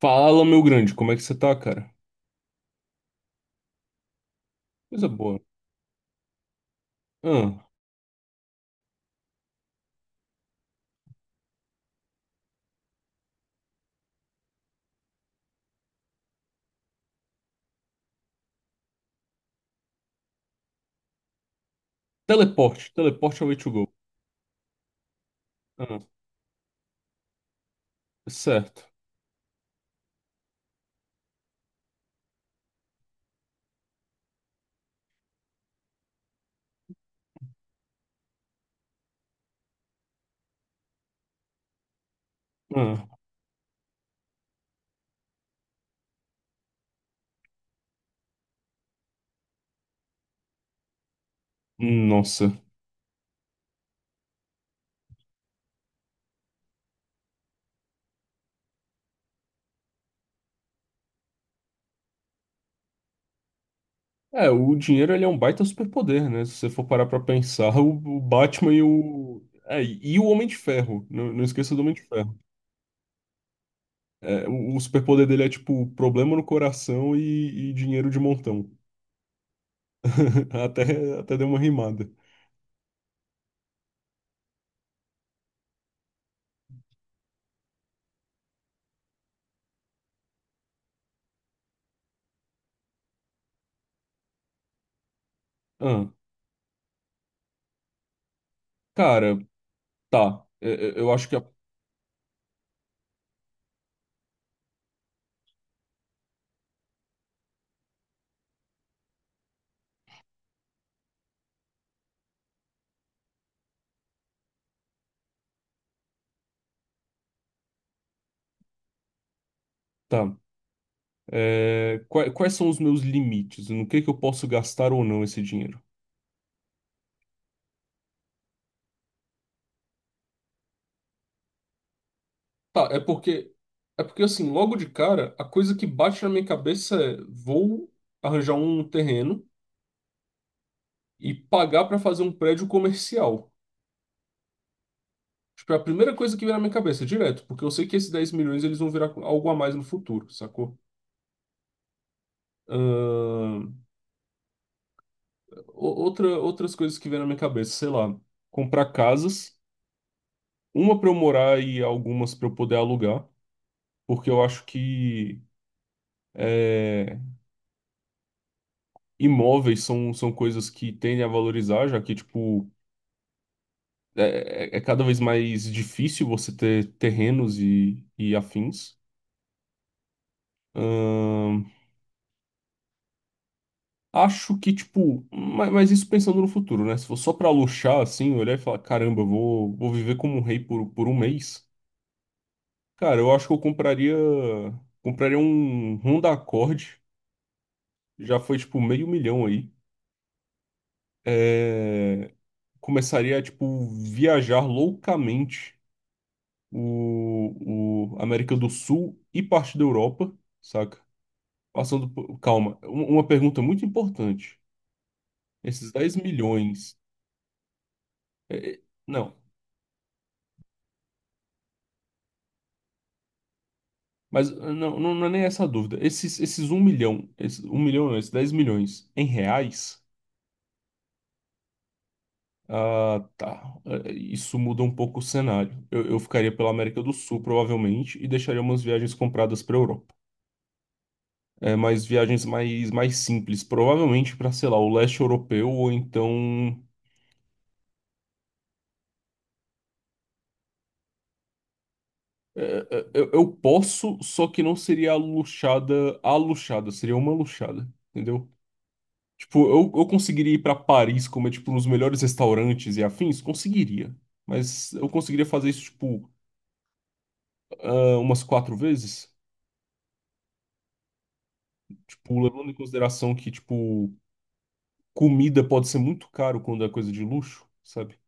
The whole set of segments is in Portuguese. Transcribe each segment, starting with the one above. Fala, meu grande, como é que você tá, cara? Coisa boa. Ah, teleporte, teleporte é o way to go. Ah, é certo. Ah, nossa. É, o dinheiro ele é um baita superpoder, né? Se você for parar pra pensar, o Batman e o. É, e o Homem de Ferro. Não, não esqueça do Homem de Ferro. É, o superpoder dele é tipo problema no coração e dinheiro de montão. Até deu uma rimada. Ah, cara, tá. Eu acho que tá. É, quais são os meus limites? No que eu posso gastar ou não esse dinheiro? Tá, é porque assim, logo de cara, a coisa que bate na minha cabeça é vou arranjar um terreno e pagar pra fazer um prédio comercial. Tipo, é a primeira coisa que vem na minha cabeça, direto, porque eu sei que esses 10 milhões eles vão virar algo a mais no futuro, sacou? Ahn, outras coisas que vem na minha cabeça, sei lá. Comprar casas, uma para eu morar e algumas para eu poder alugar, porque eu acho que É, imóveis são coisas que tendem a valorizar, já que, tipo, é cada vez mais difícil você ter terrenos e afins. Ahn, acho que, tipo, mas, isso pensando no futuro, né? Se for só pra luxar, assim, olhar e falar, caramba, eu vou viver como um rei por um mês. Cara, eu acho que eu compraria um Honda Accord, já foi, tipo, meio milhão aí. É, começaria a, tipo, viajar loucamente o América do Sul e parte da Europa, saca? Passando por... Calma, uma pergunta muito importante. Esses 10 milhões. é, é, não, mas é, não, não, não é nem essa a dúvida. Esses 1 milhão, esses, 1 milhão não, esses 10 milhões em reais. Ah, tá. É, isso muda um pouco o cenário. Eu ficaria pela América do Sul, provavelmente, e deixaria umas viagens compradas para Europa. É, mas viagens mais simples, provavelmente para, sei lá, o leste europeu ou então eu posso, só que não seria a luxada, seria uma luxada, entendeu? Tipo, eu conseguiria ir pra Paris comer, tipo, nos melhores restaurantes e afins? Conseguiria. Mas eu conseguiria fazer isso, tipo, ah, umas quatro vezes? Tipo, levando em consideração que, tipo, comida pode ser muito caro quando é coisa de luxo, sabe?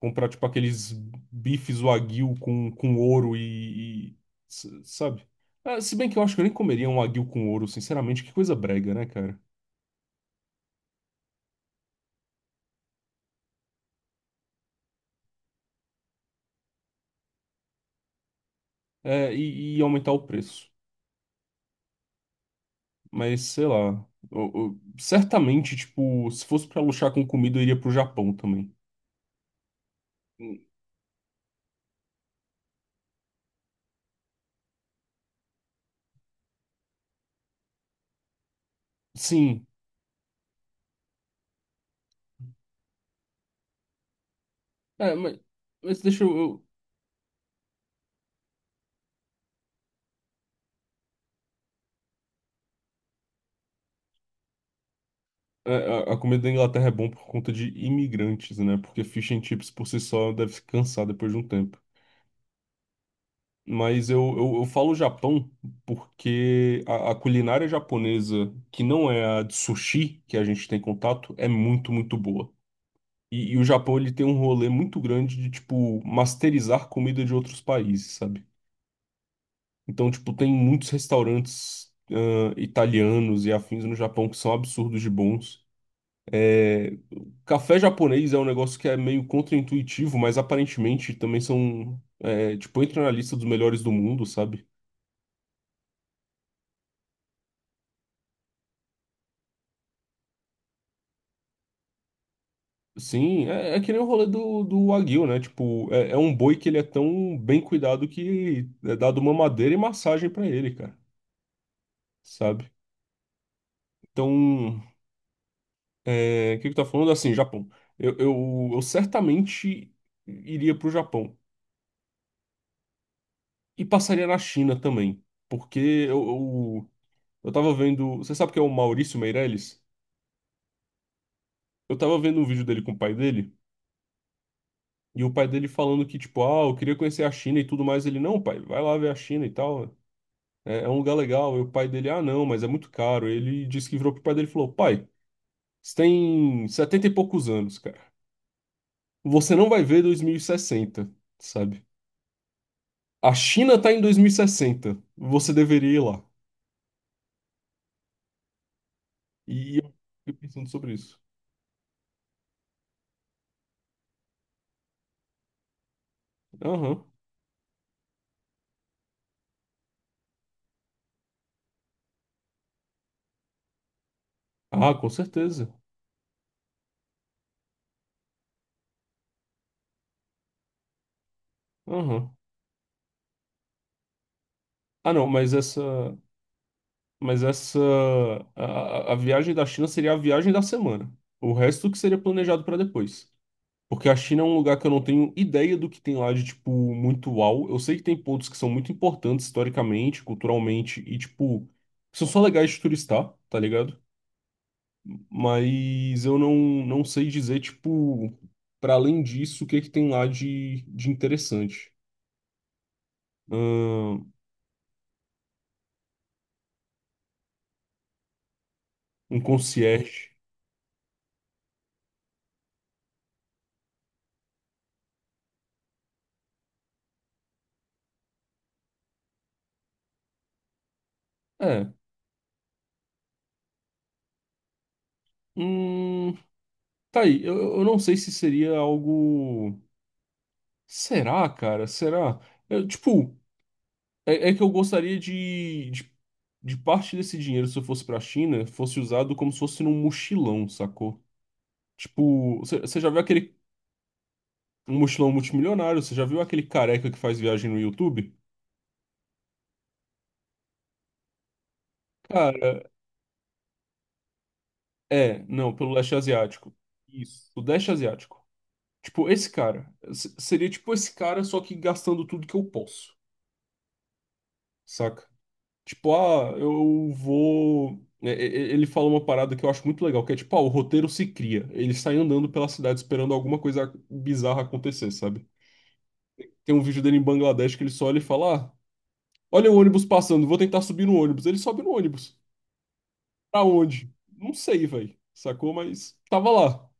Comprar, tipo, aqueles bifes wagyu com ouro sabe? Ah, se bem que eu acho que eu nem comeria um wagyu com ouro, sinceramente, que coisa brega, né, cara? E aumentar o preço. Mas sei lá. Certamente, tipo, se fosse pra luxar com comida, eu iria pro Japão também. Hum, Sim. É, mas, mas deixa eu. A comida da Inglaterra é bom por conta de imigrantes, né? Porque fish and chips por si só deve cansar depois de um tempo. Mas eu falo Japão porque a culinária japonesa, que não é a de sushi que a gente tem contato, é muito, muito boa. E o Japão, ele tem um rolê muito grande de, tipo, masterizar comida de outros países, sabe? Então, tipo, tem muitos restaurantes, italianos e afins no Japão que são absurdos de bons. É, o café japonês é um negócio que é meio contraintuitivo, mas aparentemente também são, é, tipo, entra na lista dos melhores do mundo, sabe? Sim, é que nem o rolê do Wagyu, né? Tipo, é um boi que ele é tão bem cuidado que é dado uma madeira e massagem pra ele, cara, sabe? Então, o que que tá falando? Assim, Japão. Eu certamente iria pro Japão. E passaria na China também. Porque eu, eu, eu tava vendo. Você sabe que é o Maurício Meirelles? Eu tava vendo um vídeo dele com o pai dele. E o pai dele falando que, tipo, ah, eu queria conhecer a China e tudo mais. Ele, não, pai, vai lá ver a China e tal. É um lugar legal. E o pai dele, ah, não, mas é muito caro. Ele disse que virou pro pai dele e falou: pai, você tem 70 e poucos anos, cara. Você não vai ver 2060, sabe? A China está em 2060. Você deveria ir lá. E eu fiquei pensando sobre isso. Aham. Ah, com certeza. Aham. Ah, não, mas essa. Mas essa. A, a viagem da China seria a viagem da semana. O resto que seria planejado para depois. Porque a China é um lugar que eu não tenho ideia do que tem lá de, tipo, muito uau. Eu sei que tem pontos que são muito importantes historicamente, culturalmente, e, tipo, são só legais de turistar, tá ligado? Mas eu não, não sei dizer, tipo, para além disso, o que que tem lá de interessante. Ahn, um concierge. É. Hum, tá aí. Eu não sei se seria algo. Será, cara? Será? Eu, tipo, é que eu gostaria de parte desse dinheiro, se eu fosse pra China, fosse usado como se fosse num mochilão, sacou? Tipo, você já viu aquele um mochilão multimilionário? Você já viu aquele careca que faz viagem no YouTube? Cara. É, não, pelo leste asiático. Isso. O leste asiático. Tipo, esse cara. Seria tipo esse cara, só que gastando tudo que eu posso, saca? Tipo, ah, eu vou. Ele fala uma parada que eu acho muito legal, que é tipo, ah, o roteiro se cria. Ele sai andando pela cidade esperando alguma coisa bizarra acontecer, sabe? Tem um vídeo dele em Bangladesh que ele só olha e fala: ah, olha o ônibus passando, vou tentar subir no ônibus. Ele sobe no ônibus. Pra onde? Não sei, velho. Sacou? Mas tava lá.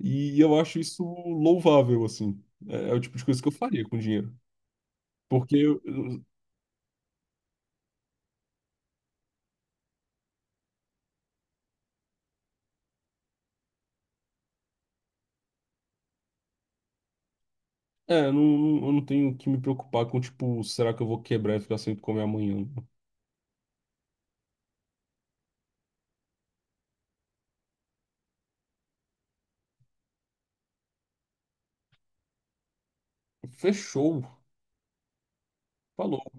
E eu acho isso louvável, assim. É, é o tipo de coisa que eu faria com dinheiro. Porque eu não, eu não tenho que me preocupar com, tipo, será que eu vou quebrar e ficar sem comer amanhã? Fechou. Falou.